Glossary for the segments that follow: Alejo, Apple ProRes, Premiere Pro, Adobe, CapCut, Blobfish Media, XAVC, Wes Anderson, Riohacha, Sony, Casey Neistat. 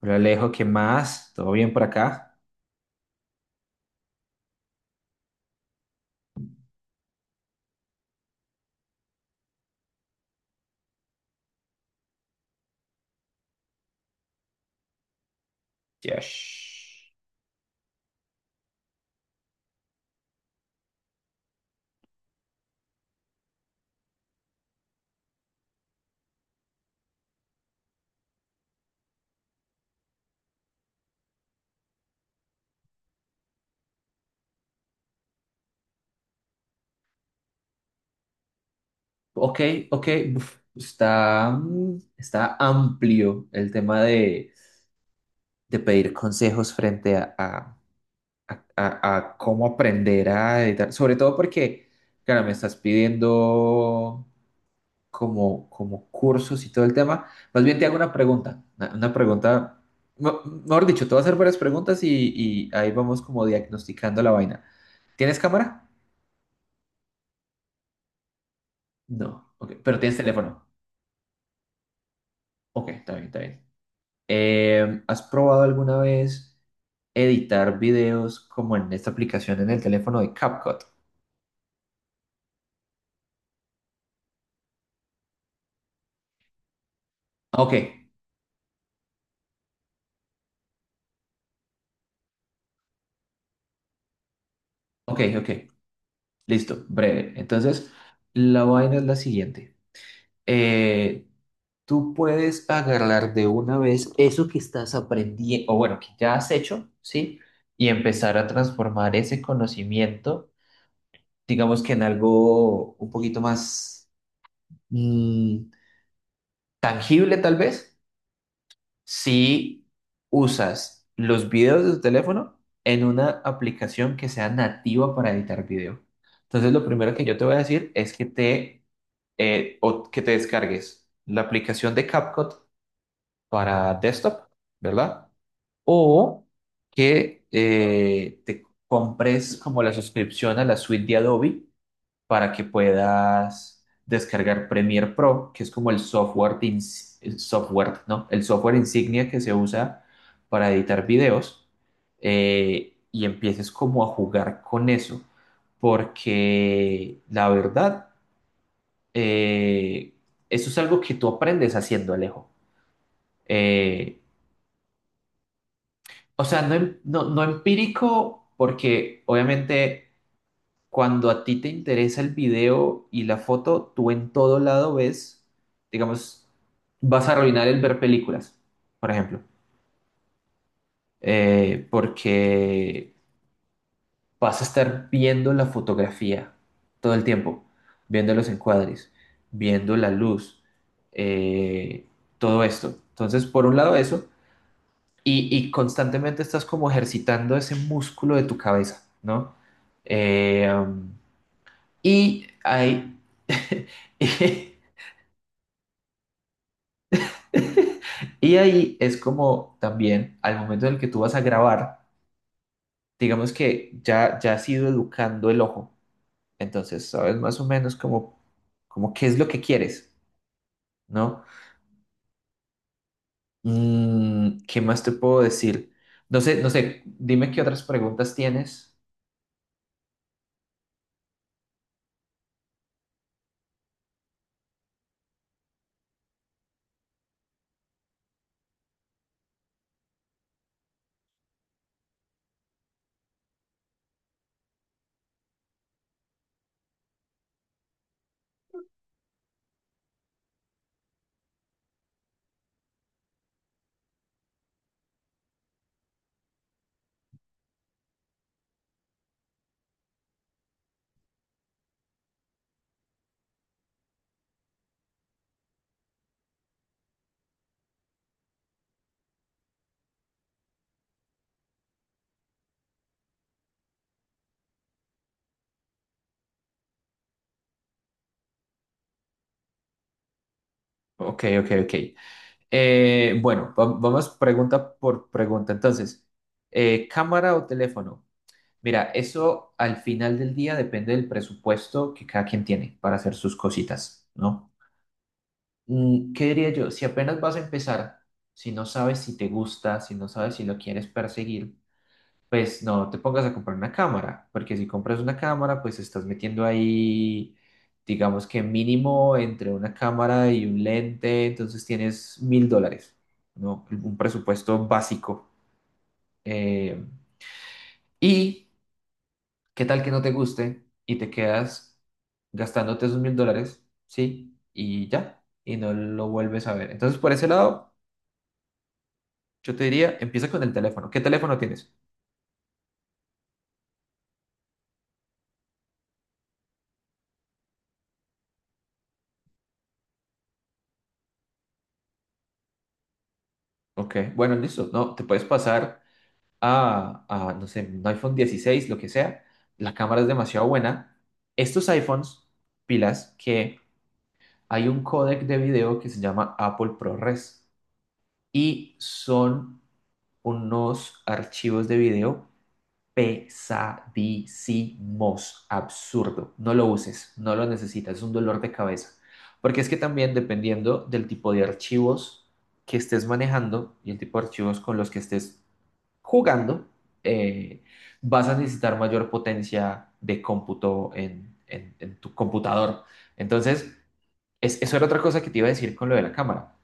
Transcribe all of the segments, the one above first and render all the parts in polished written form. Hola Alejo, ¿qué más? ¿Todo bien por acá? Yes. Ok, ok. Está, está amplio el tema de pedir consejos frente a, a cómo aprender a editar. Sobre todo porque, claro, me estás pidiendo como cursos y todo el tema. Más bien te hago una pregunta. Una pregunta, me- mejor dicho, te voy a hacer varias preguntas y ahí vamos como diagnosticando la vaina. ¿Tienes cámara? No, ok, pero tienes teléfono. Ok, está bien, está bien. ¿Has probado alguna vez editar videos como en esta aplicación en el teléfono de CapCut? Ok, ok, ok. Listo, breve. Entonces, la vaina es la siguiente. Eh, tú puedes agarrar de una vez eso que estás aprendiendo, o bueno, que ya has hecho, ¿sí? Y empezar a transformar ese conocimiento, digamos que en algo un poquito más mm, tangible, tal vez. Si usas los videos de tu teléfono en una aplicación que sea nativa para editar video. Entonces, lo primero que yo te voy a decir es que te, o que te descargues la aplicación de CapCut para desktop, ¿verdad? O que te compres como la suscripción a la suite de Adobe para que puedas descargar Premiere Pro, que es como el software, el software, ¿no? El software insignia que se usa para editar videos y empieces como a jugar con eso, porque la verdad, eh, eso es algo que tú aprendes haciendo, Alejo. Eh, o sea, no, no, no empírico, porque obviamente cuando a ti te interesa el video y la foto, tú en todo lado ves, digamos, vas a arruinar el ver películas, por ejemplo, porque vas a estar viendo la fotografía todo el tiempo, viendo los encuadres, viendo la luz, eh, todo esto. Entonces, por un lado eso, y constantemente estás como ejercitando ese músculo de tu cabeza, ¿no? Eh, Y ahí, y, y ahí es como también al momento en el que tú vas a grabar, digamos que ya, ya has ido educando el ojo, entonces sabes más o menos como qué es lo que quieres, ¿no? ¿Qué más te puedo decir? No sé, no sé, dime qué otras preguntas tienes. Ok, ok, ok. Bueno, vamos pregunta por pregunta. Entonces, ¿cámara o teléfono? Mira, eso al final del día depende del presupuesto que cada quien tiene para hacer sus cositas, ¿no? ¿Qué diría yo? Si apenas vas a empezar, si no sabes si te gusta, si no sabes si lo quieres perseguir, pues no te pongas a comprar una cámara, porque si compras una cámara, pues estás metiendo ahí, digamos que mínimo entre una cámara y un lente, entonces tienes $1000, ¿no? Un presupuesto básico. Eh, y ¿Qué tal que no te guste y te quedas gastándote esos $1000? Sí, y ya, y no lo vuelves a ver. Entonces, por ese lado, yo te diría, empieza con el teléfono. ¿Qué teléfono tienes? Ok, bueno, listo. No, te puedes pasar a, no sé, un iPhone 16, lo que sea. La cámara es demasiado buena. Estos iPhones, pilas, que hay un códec de video que se llama Apple ProRes y son unos archivos de video pesadísimos, absurdo. No lo uses, no lo necesitas, es un dolor de cabeza. Porque es que también dependiendo del tipo de archivos que estés manejando y el tipo de archivos con los que estés jugando, eh, vas a necesitar mayor potencia de cómputo en, en tu computador. Entonces, es, eso era otra cosa que te iba a decir con lo de la cámara.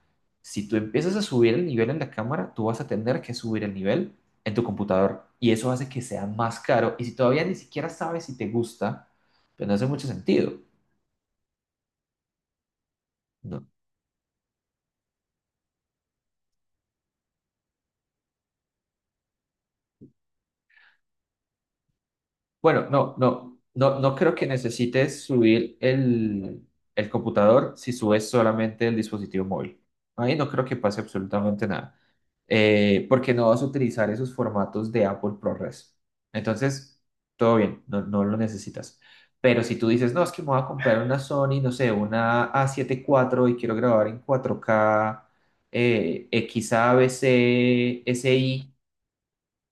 Si tú empiezas a subir el nivel en la cámara, tú vas a tener que subir el nivel en tu computador y eso hace que sea más caro. Y si todavía ni siquiera sabes si te gusta, pues no hace mucho sentido. ¿No? Bueno, no creo que necesites subir el computador si subes solamente el dispositivo móvil. Ahí no creo que pase absolutamente nada. Porque no vas a utilizar esos formatos de Apple ProRes. Entonces, todo bien, no, no lo necesitas. Pero si tú dices, no, es que me voy a comprar una Sony, no sé, una a siete cuatro y quiero grabar en 4K XAVC, SI.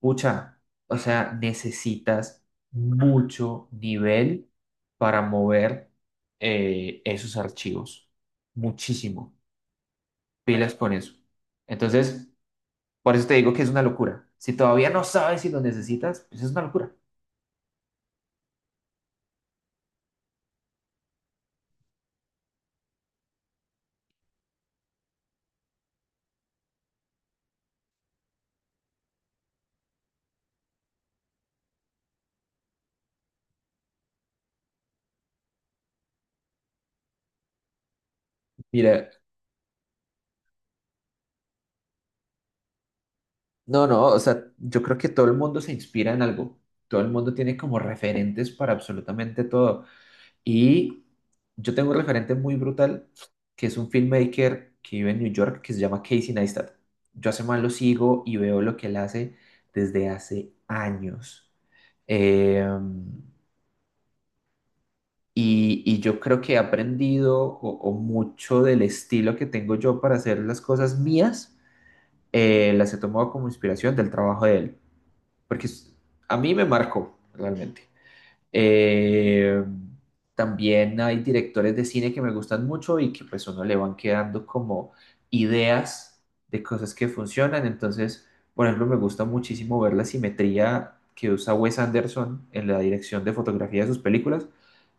Pucha, o sea, necesitas mucho nivel para mover esos archivos. Muchísimo. Pilas con eso. Entonces, por eso te digo que es una locura. Si todavía no sabes si lo necesitas, pues es una locura. Mira, no, no, o sea, yo creo que todo el mundo se inspira en algo. Todo el mundo tiene como referentes para absolutamente todo. Y yo tengo un referente muy brutal, que es un filmmaker que vive en New York, que se llama Casey Neistat. Yo hace más lo sigo y veo lo que él hace desde hace años. Eh, y yo creo que he aprendido o mucho del estilo que tengo yo para hacer las cosas mías, las he tomado como inspiración del trabajo de él, porque es- a mí me marcó realmente. Eh, también hay directores de cine que me gustan mucho y que pues uno le van quedando como ideas de cosas que funcionan. Entonces, por ejemplo, me gusta muchísimo ver la simetría que usa Wes Anderson en la dirección de fotografía de sus películas.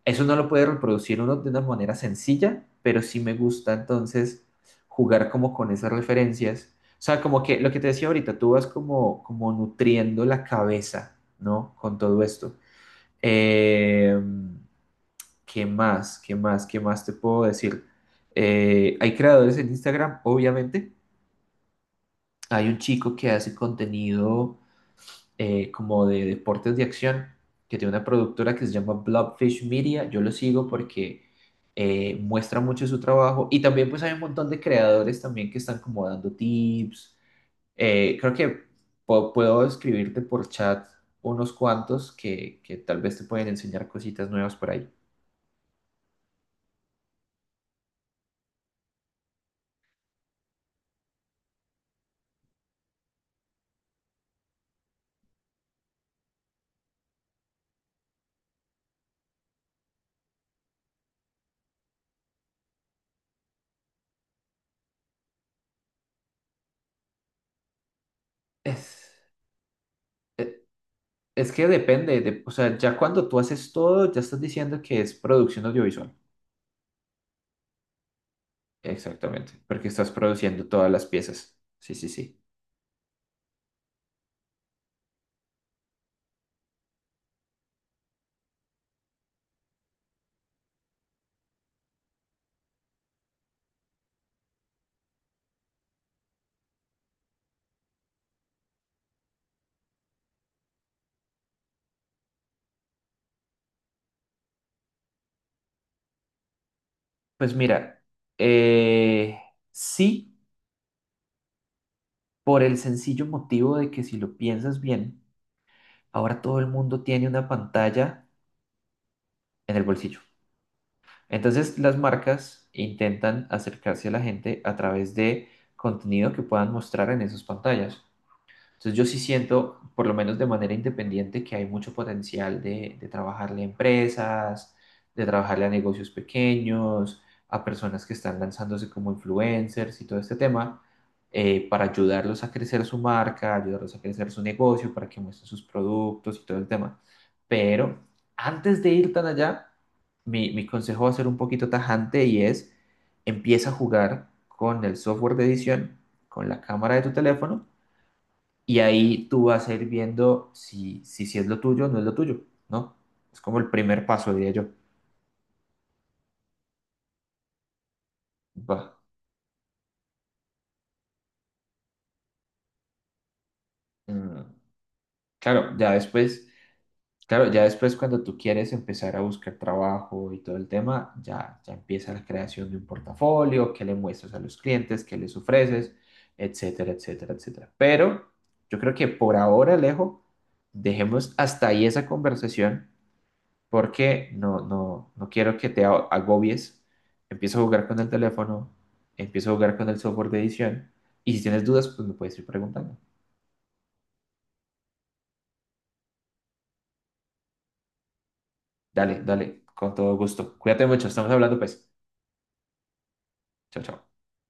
Eso no lo puede reproducir uno de una manera sencilla, pero sí me gusta entonces jugar como con esas referencias. O sea, como que lo que te decía ahorita, tú vas como nutriendo la cabeza, ¿no? Con todo esto. Eh, ¿Qué más? ¿Qué más? ¿Qué más te puedo decir? Hay creadores en Instagram, obviamente. Hay un chico que hace contenido como de deportes de acción, que tiene una productora que se llama Blobfish Media. Yo lo sigo porque muestra mucho su trabajo. Y también pues hay un montón de creadores también que están como dando tips. Creo que puedo escribirte por chat unos cuantos que tal vez te pueden enseñar cositas nuevas por ahí. Es- e- Es que depende, o sea, ya cuando tú haces todo, ya estás diciendo que es producción audiovisual. Exactamente, porque estás produciendo todas las piezas. Sí, sí, sí. Pues mira, eh, sí, por el sencillo motivo de que si lo piensas bien, ahora todo el mundo tiene una pantalla en el bolsillo. Entonces, las marcas intentan acercarse a la gente a través de contenido que puedan mostrar en esas pantallas. Entonces yo sí siento, por lo menos de manera independiente, que hay mucho potencial de trabajarle a empresas, de trabajarle a negocios pequeños, a personas que están lanzándose como influencers y todo este tema, para ayudarlos a crecer su marca, ayudarlos a crecer su negocio, para que muestren sus productos y todo el tema. Pero antes de ir tan allá, mi consejo va a ser un poquito tajante y es, empieza a jugar con el software de edición, con la cámara de tu teléfono y ahí tú vas a ir viendo si, si, si es lo tuyo o no es lo tuyo, ¿no? Es como el primer paso, diría yo. Va. Mm, Claro, ya después, claro, ya después cuando tú quieres empezar a buscar trabajo y todo el tema, ya, ya empieza la creación de un portafolio, qué le muestras a los clientes, qué les ofreces, etcétera, etcétera, etcétera. Pero yo creo que por ahora, Alejo, dejemos hasta ahí esa conversación porque no quiero que te agobies. Empiezo a jugar con el teléfono, empiezo a jugar con el software de edición y si tienes dudas, pues me puedes ir preguntando. Dale, dale, con todo gusto. Cuídate mucho, estamos hablando pues. Chao, chao.